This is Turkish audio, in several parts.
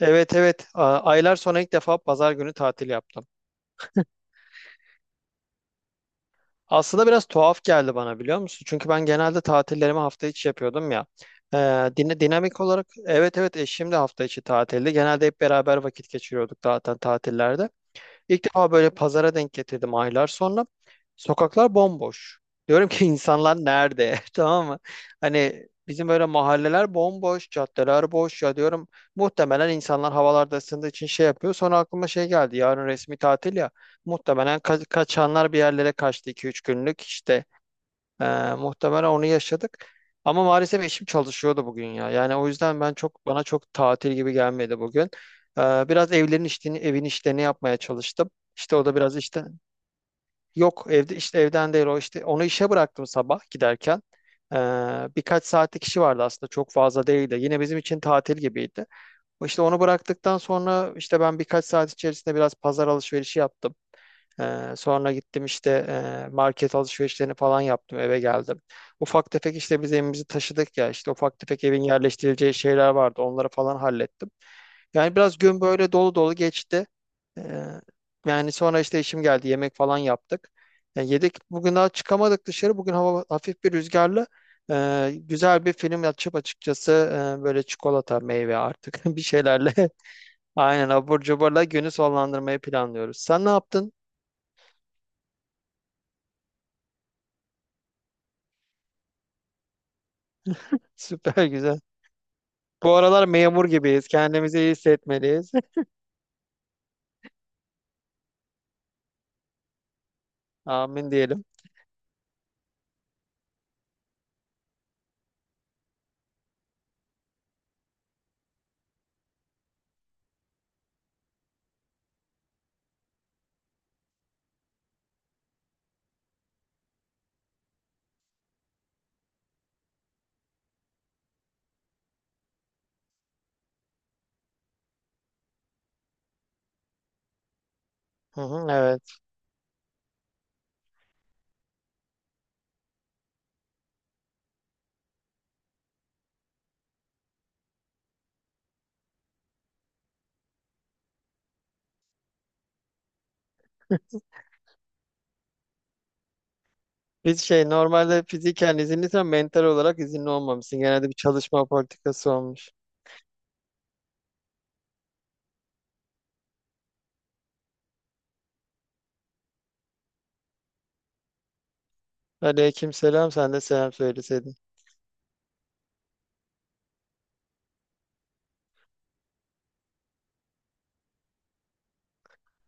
Evet evet aylar sonra ilk defa pazar günü tatil yaptım. Aslında biraz tuhaf geldi bana, biliyor musun? Çünkü ben genelde tatillerimi hafta içi yapıyordum ya. Ee, dinamik olarak, evet evet, eşim de hafta içi tatilde. Genelde hep beraber vakit geçiriyorduk zaten tatillerde. İlk defa böyle pazara denk getirdim aylar sonra. Sokaklar bomboş. Diyorum ki, insanlar nerede? Tamam mı? Hani bizim böyle mahalleler bomboş, caddeler boş ya, diyorum. Muhtemelen insanlar havalarda ısındığı için şey yapıyor. Sonra aklıma şey geldi. Yarın resmi tatil ya. Muhtemelen kaçanlar bir yerlere kaçtı, iki üç günlük. İşte muhtemelen onu yaşadık. Ama maalesef eşim çalışıyordu bugün ya. Yani o yüzden ben çok, bana çok tatil gibi gelmedi bugün. Biraz evlerin işlerini, evin işlerini yapmaya çalıştım. İşte o da biraz işte, yok evde, işte evden değil, o işte onu işe bıraktım sabah giderken. Ee, birkaç saatlik işi vardı, aslında çok fazla değildi. Yine bizim için tatil gibiydi. İşte onu bıraktıktan sonra işte ben birkaç saat içerisinde biraz pazar alışverişi yaptım. Sonra gittim işte, market alışverişlerini falan yaptım, eve geldim. Ufak tefek, işte biz evimizi taşıdık ya, işte ufak tefek evin yerleştirileceği şeyler vardı, onları falan hallettim. Yani biraz gün böyle dolu dolu geçti. Ee, yani sonra işte işim geldi, yemek falan yaptık. Yani yedik bugün, daha çıkamadık dışarı, bugün hava hafif bir rüzgarlı. Güzel bir film açıp, açıkçası, böyle çikolata, meyve artık, bir şeylerle, aynen, abur cuburla günü sonlandırmayı planlıyoruz. Sen ne yaptın? Süper güzel. Bu aralar memur gibiyiz. Kendimizi iyi hissetmeliyiz. Amin diyelim. Hı hı, evet. Biz şey, normalde fiziken izinliysen mental olarak izinli olmamışsın. Genelde bir çalışma politikası olmuş. Aleykümselam, sen de selam söyleseydin.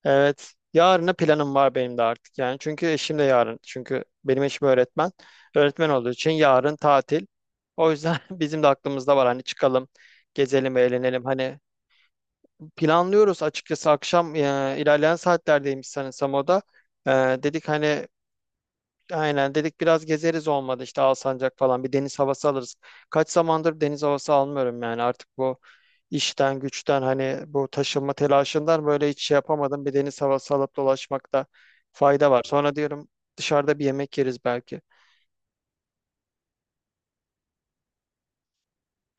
Evet. Yarına planım var benim de artık, yani. Çünkü eşim de yarın. Çünkü benim eşim öğretmen. Öğretmen olduğu için yarın tatil. O yüzden bizim de aklımızda var, hani çıkalım, gezelim, eğlenelim. Hani planlıyoruz açıkçası akşam, ilerleyen saatlerdeymiş sanırsam o da. E, dedik hani, aynen dedik, biraz gezeriz, olmadı işte Alsancak falan bir deniz havası alırız. Kaç zamandır deniz havası almıyorum yani, artık bu işten güçten, hani bu taşınma telaşından böyle hiç şey yapamadım, bir deniz havası alıp dolaşmakta fayda var. Sonra diyorum, dışarıda bir yemek yeriz belki.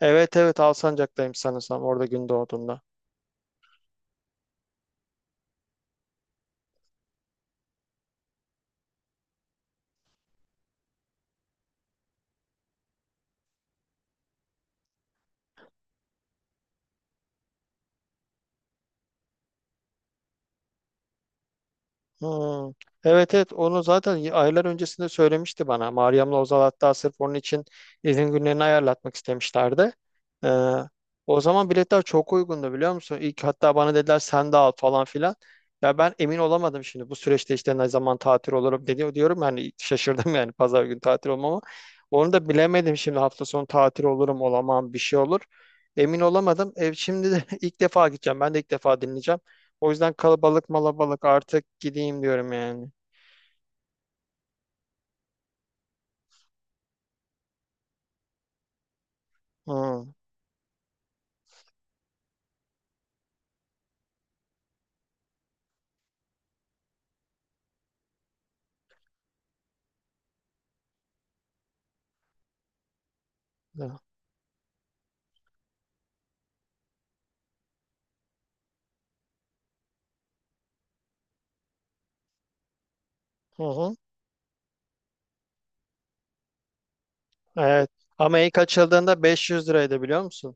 Evet evet, Alsancak'tayım sanırsam, orada gün doğduğunda. Hmm. Evet evet, onu zaten aylar öncesinde söylemişti bana. Meryem'le Ozal hatta sırf onun için izin günlerini ayarlatmak istemişlerdi. Ee, o zaman biletler çok uygundu, biliyor musun? İlk hatta bana dediler, sen de al falan filan. Ya ben emin olamadım şimdi, bu süreçte işte ne zaman tatil olurum, dedi diyorum yani, şaşırdım yani pazar günü tatil olmama. Onu da bilemedim şimdi, hafta sonu tatil olurum, olamam, bir şey olur. Emin olamadım. Şimdi de ilk defa gideceğim. Ben de ilk defa dinleyeceğim. O yüzden kalabalık malabalık, artık gideyim diyorum yani. Hı. Hı hı. Evet. Ama ilk açıldığında 500 liraydı, biliyor musun?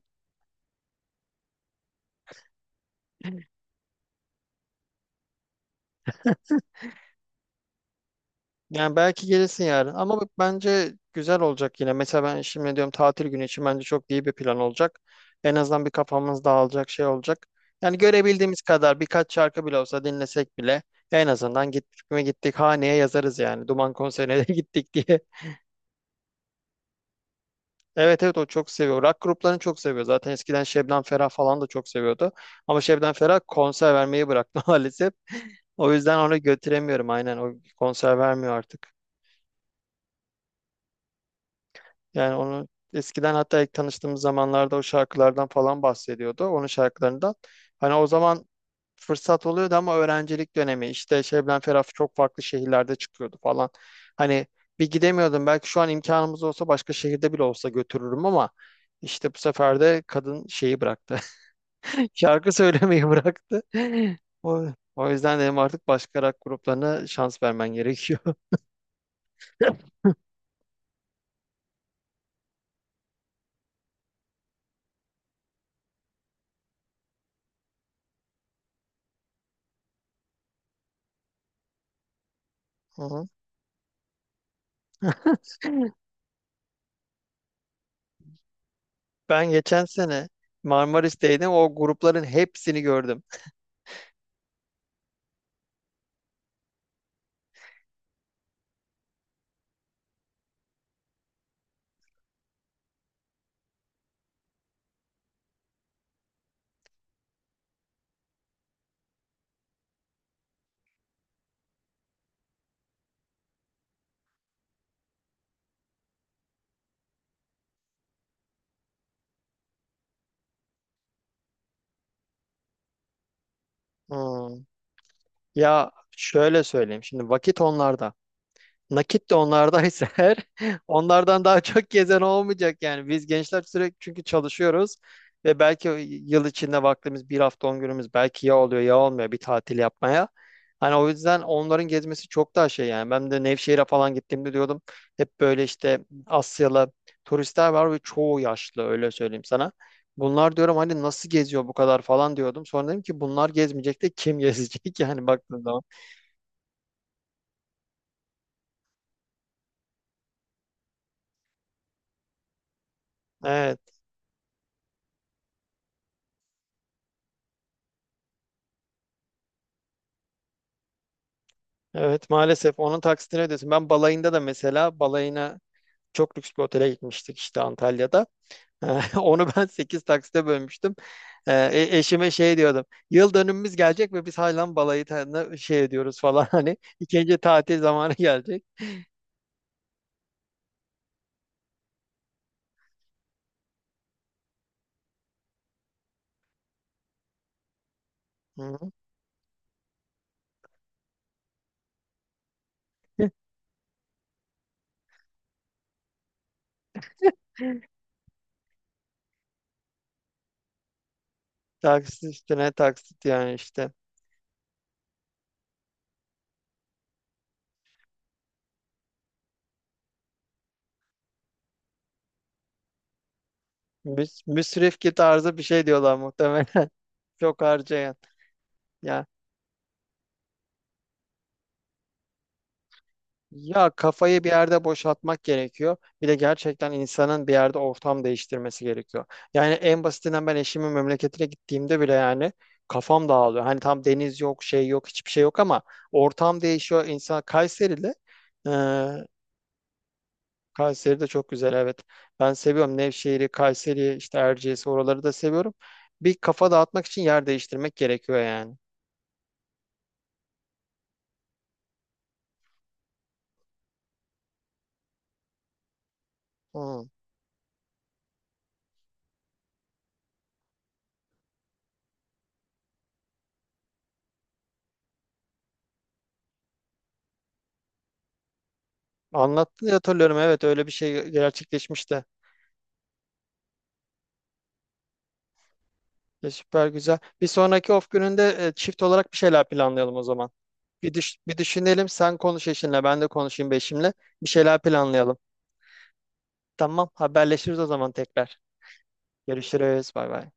Yani belki gelirsin yarın ama, bak bence güzel olacak yine. Mesela ben şimdi diyorum, tatil günü için bence çok iyi bir plan olacak. En azından bir kafamız dağılacak şey olacak. Yani görebildiğimiz kadar birkaç şarkı bile olsa dinlesek bile, en azından gittik mi gittik, haneye yazarız yani. Duman konserine de gittik diye. Evet evet, o çok seviyor. Rock gruplarını çok seviyor. Zaten eskiden Şebnem Ferah falan da çok seviyordu. Ama Şebnem Ferah konser vermeyi bıraktı maalesef. O yüzden onu götüremiyorum, aynen. O konser vermiyor artık. Yani onu eskiden, hatta ilk tanıştığımız zamanlarda o şarkılardan falan bahsediyordu. Onun şarkılarından. Hani o zaman fırsat oluyordu ama öğrencilik dönemi işte, Şebnem Ferah çok farklı şehirlerde çıkıyordu falan. Hani bir gidemiyordum. Belki şu an imkanımız olsa başka şehirde bile olsa götürürüm ama işte bu sefer de kadın şeyi bıraktı. Şarkı söylemeyi bıraktı. O, o yüzden dedim, artık başka rock gruplarına şans vermen gerekiyor. Hı hı. Ben geçen sene Marmaris'teydim. O grupların hepsini gördüm. Hmm. Ya şöyle söyleyeyim. Şimdi vakit onlarda. Nakit de onlardaysa eğer, onlardan daha çok gezen olmayacak yani. Biz gençler sürekli çünkü çalışıyoruz ve belki yıl içinde vaktimiz, bir hafta 10 günümüz, belki ya oluyor ya olmuyor bir tatil yapmaya. Hani o yüzden onların gezmesi çok daha şey yani. Ben de Nevşehir'e falan gittiğimde diyordum, hep böyle işte Asyalı turistler var ve çoğu yaşlı, öyle söyleyeyim sana. Bunlar diyorum, hani nasıl geziyor bu kadar falan, diyordum. Sonra dedim ki, bunlar gezmeyecek de kim gezecek, yani baktığın zaman. Evet. Evet maalesef onun taksitini ödüyorsun. Ben balayında da mesela, balayına çok lüks bir otele gitmiştik işte, Antalya'da. Onu ben 8 taksite bölmüştüm. Eşime şey diyordum. Yıl dönümümüz gelecek ve biz hala balayı tadında şey ediyoruz falan, hani ikinci tatil zamanı gelecek. Hı. Taksit üstüne taksit yani işte. Müsrifki tarzı bir şey diyorlar muhtemelen. Çok harcayan. Yani, ya kafayı bir yerde boşaltmak gerekiyor. Bir de gerçekten insanın bir yerde ortam değiştirmesi gerekiyor. Yani en basitinden, ben eşimin memleketine gittiğimde bile yani kafam dağılıyor. Hani tam deniz yok, şey yok, hiçbir şey yok ama ortam değişiyor. İnsan Kayseri'de, eee Kayseri de çok güzel, evet. Ben seviyorum Nevşehir'i, Kayseri'yi, işte Erciyes'i, oraları da seviyorum. Bir kafa dağıtmak için yer değiştirmek gerekiyor yani. Hı. Anlattın diye hatırlıyorum, evet, öyle bir şey gerçekleşmişti. Ya süper güzel. Bir sonraki off gününde, çift olarak bir şeyler planlayalım o zaman. Bir düşünelim. Sen konuş eşinle, ben de konuşayım bir eşimle. Bir şeyler planlayalım. Tamam, haberleşiriz o zaman tekrar. Görüşürüz. Bay bay.